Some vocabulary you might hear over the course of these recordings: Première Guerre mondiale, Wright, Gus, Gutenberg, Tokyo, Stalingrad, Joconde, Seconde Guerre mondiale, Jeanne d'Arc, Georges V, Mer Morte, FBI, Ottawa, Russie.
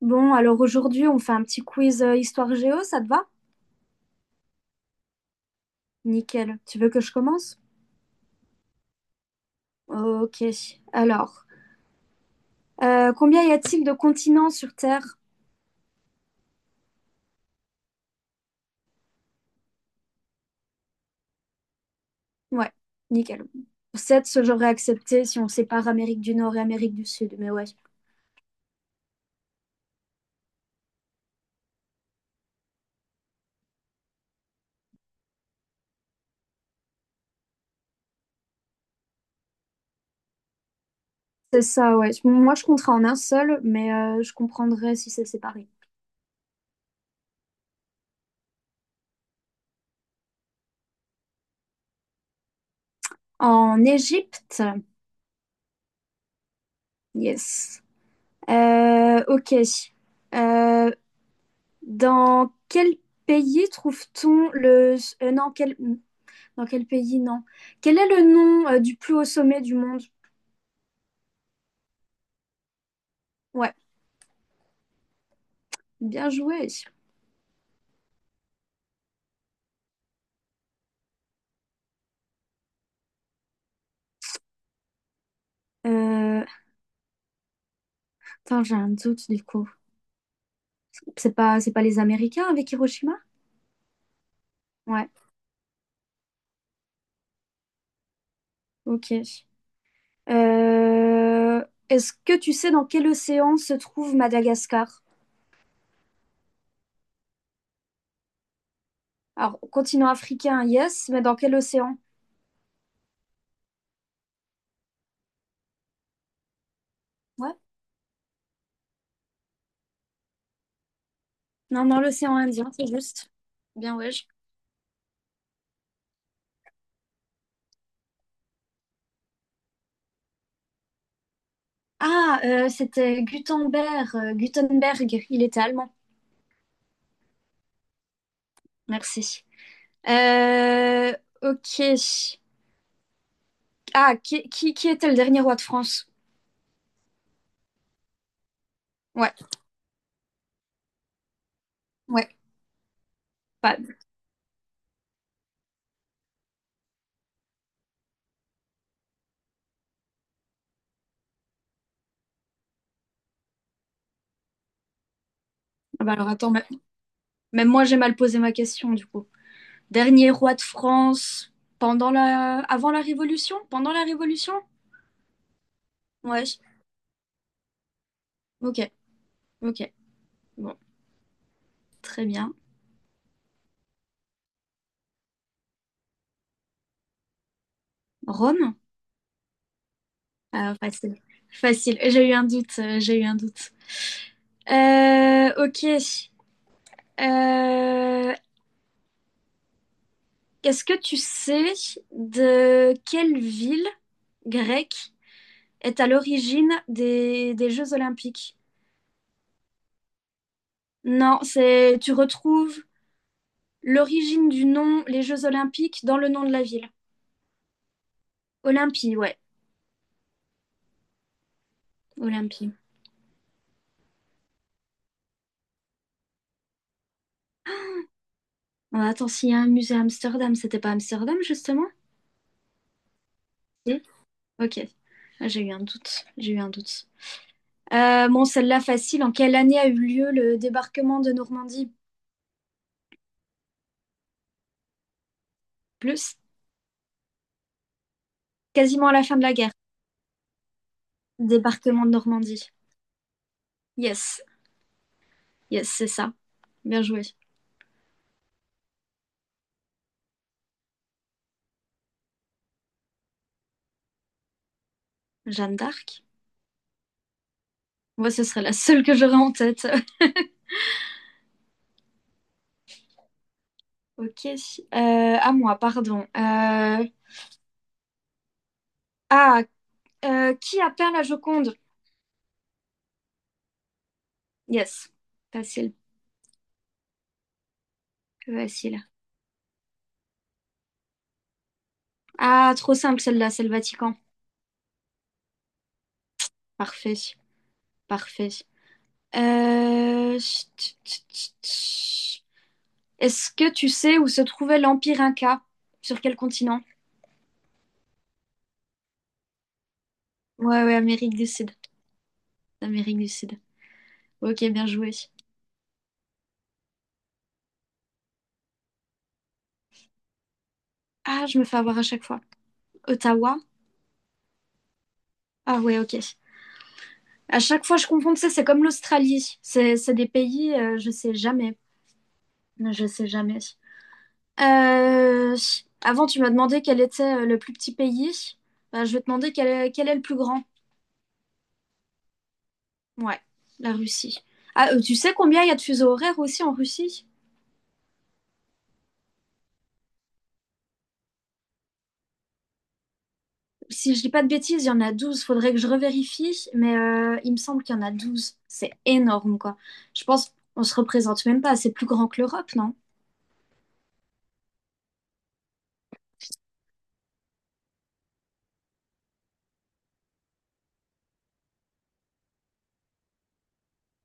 Bon, alors aujourd'hui, on fait un petit quiz histoire géo, ça te va? Nickel. Tu veux que je commence? Ok. Alors, combien y a-t-il de continents sur Terre? Ouais, nickel. 7, ce j'aurais accepté si on sépare Amérique du Nord et Amérique du Sud, mais ouais. C'est ça, ouais. Moi, je compterai en un seul, mais je comprendrais si c'est séparé. En Égypte, yes. Ok. Euh, dans quel pays trouve-t-on le... non, quel... Dans quel pays? Non. Quel est le nom du plus haut sommet du monde? Ouais, bien joué. Euh... Attends, j'ai un doute du coup. C'est pas les Américains avec Hiroshima? Ouais, ok. Est-ce que tu sais dans quel océan se trouve Madagascar? Alors, continent africain, yes, mais dans quel océan? Ouais. Non, dans l'océan Indien, c'est juste. Bien, ouais. Ah, c'était Gutenberg, Gutenberg, il était allemand. Merci. Euh, ok. Ah, qui était le dernier roi de France? Ouais, ouais. Pas- ah bah alors attends, mais, même moi j'ai mal posé ma question du coup. Dernier roi de France pendant la... avant la Révolution? Pendant la Révolution? Ouais, ok, ok. Bon, très bien. Rome? Ah, facile. Facile. J'ai eu un doute, j'ai eu un doute. Ok. Euh, est-ce que tu sais de quelle ville grecque est à l'origine des Jeux Olympiques? Non, c'est tu retrouves l'origine du nom, les Jeux Olympiques, dans le nom de la ville. Olympie, ouais, Olympie. Oh, attends, s'il y a un musée à Amsterdam, c'était pas Amsterdam justement? Si. Ok. Ah, j'ai eu un doute, j'ai eu un doute. Bon, celle-là facile. En quelle année a eu lieu le débarquement de Normandie? Plus, quasiment à la fin de la guerre. Débarquement de Normandie. Yes, yes, c'est ça. Bien joué. Jeanne d'Arc. Moi, ce serait la seule que j'aurais en tête. Ok. À moi, pardon. Ah, qui a peint la Joconde? Yes. Facile, facile. Ah, trop simple celle-là, c'est le Vatican. Parfait, parfait. Chut, chut, chut, chut. Est-ce que tu sais où se trouvait l'Empire Inca? Sur quel continent? Ouais, ouais, Amérique du Sud. Amérique du Sud. Ok, bien joué. Ah, je me fais avoir à chaque fois. Ottawa? Ah ouais, ok. À chaque fois, je confonds, tu sais, c'est comme l'Australie. C'est des pays, je sais jamais. Je sais jamais. Euh, avant, tu m'as demandé quel était le plus petit pays. Bah, je vais te demander quel est le plus grand. Ouais, la Russie. Ah, tu sais combien il y a de fuseaux horaires aussi en Russie? Si je dis pas de bêtises, il y en a 12. Faudrait que je revérifie, mais il me semble qu'il y en a 12. C'est énorme, quoi. Je pense qu'on se représente même pas. C'est plus grand que l'Europe, non?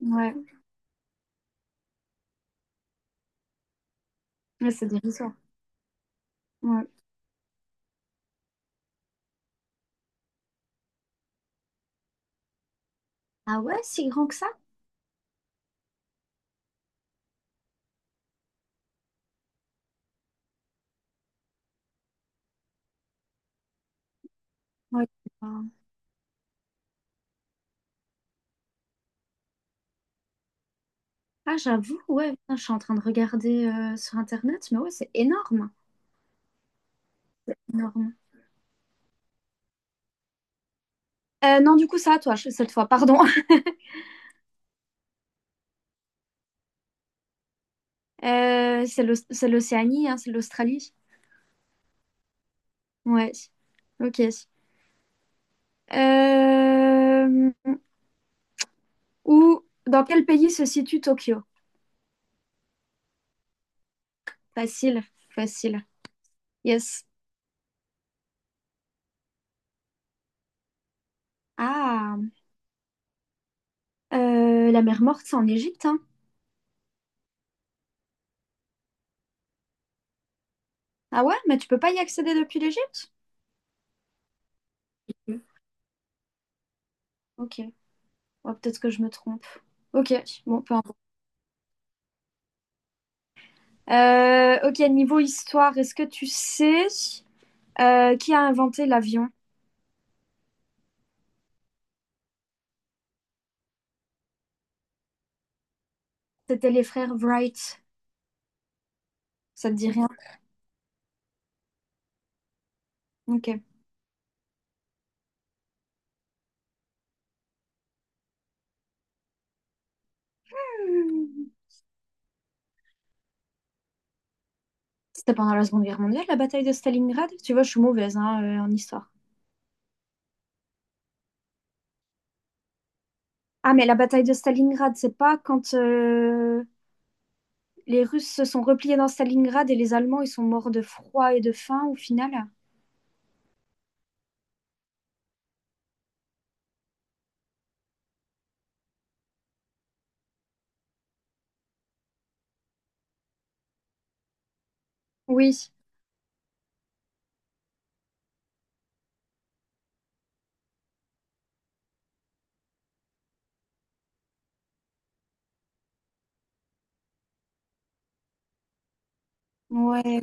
Ouais, ouais, c'est dérisoire. Ouais. Ah ouais, si grand que ça? Ouais. Ah, j'avoue, ouais, putain, je suis en train de regarder sur Internet, mais ouais, c'est énorme. Énorme. Non, du coup, ça, toi, je, cette fois, pardon. C'est l'Océanie, hein, c'est l'Australie. Ouais, ok. Euh, dans quel pays se situe Tokyo? Facile, facile. Yes. Ah, la mer Morte, c'est en Égypte, hein. Ah ouais, mais tu peux pas y accéder depuis l'Égypte? Oui. Ok. Ouais, peut-être que je me trompe. Ok, bon, peu importe. Ok, niveau histoire, est-ce que tu sais qui a inventé l'avion? C'était les frères Wright. Ça te dit rien? Ok. C'était pendant la Seconde Guerre mondiale, la bataille de Stalingrad? Tu vois, je suis mauvaise hein, en histoire. Ah, mais la bataille de Stalingrad, c'est pas quand les Russes se sont repliés dans Stalingrad et les Allemands, ils sont morts de froid et de faim au final? Oui. Ouais.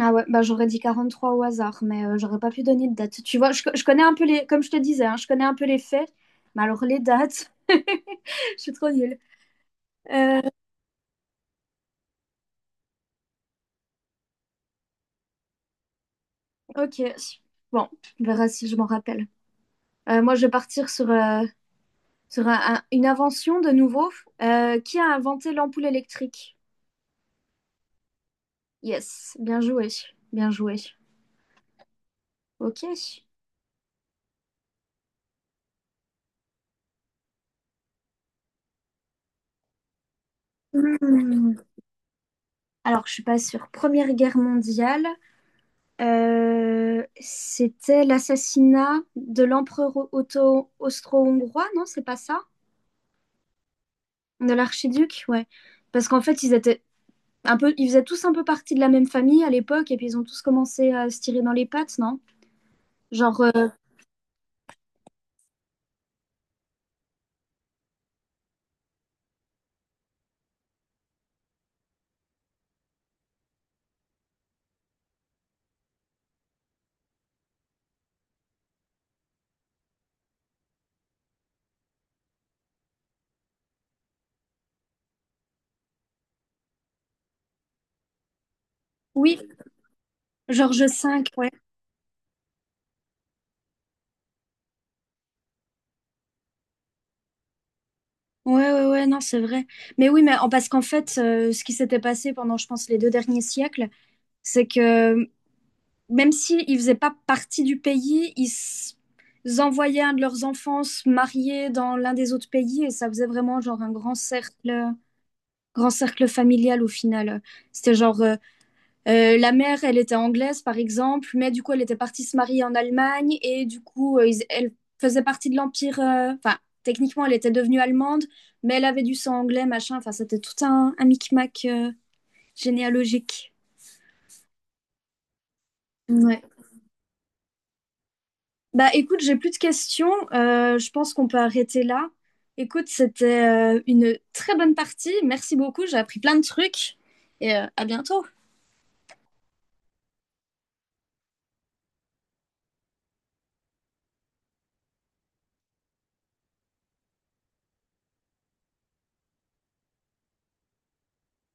Ah ouais, bah j'aurais dit 43 au hasard, mais j'aurais pas pu donner de date. Tu vois, je connais un peu les... Comme je te disais, hein, je connais un peu les faits, mais alors les dates, je suis trop nulle. Euh, ok. Bon, on verra si je m'en rappelle. Moi, je vais partir sur sur une invention de nouveau. Qui a inventé l'ampoule électrique? Yes, bien joué, bien joué. Ok. Hmm. Alors, je suis pas sûre. Première Guerre mondiale, c'était l'assassinat de l'empereur austro-hongrois, non? C'est pas ça? De l'archiduc, ouais. Parce qu'en fait, ils étaient un peu, ils faisaient tous un peu partie de la même famille à l'époque, et puis ils ont tous commencé à se tirer dans les pattes, non? Genre, oui, Georges V, ouais. Ouais, ouais, ouais, non, c'est vrai. Mais oui, parce qu'en fait, ce qui s'était passé pendant, je pense, les deux derniers siècles, c'est que euh, même s'ils ne faisaient pas partie du pays, ils envoyaient un de leurs enfants se marier dans l'un des autres pays et ça faisait vraiment genre un grand cercle familial au final. C'était genre la mère, elle était anglaise, par exemple, mais du coup, elle était partie se marier en Allemagne et du coup, elle faisait partie de l'Empire. Enfin, techniquement, elle était devenue allemande, mais elle avait du sang anglais, machin. Enfin, c'était tout un micmac généalogique. Ouais. Bah, écoute, j'ai plus de questions. Je pense qu'on peut arrêter là. Écoute, c'était une très bonne partie. Merci beaucoup. J'ai appris plein de trucs et à bientôt.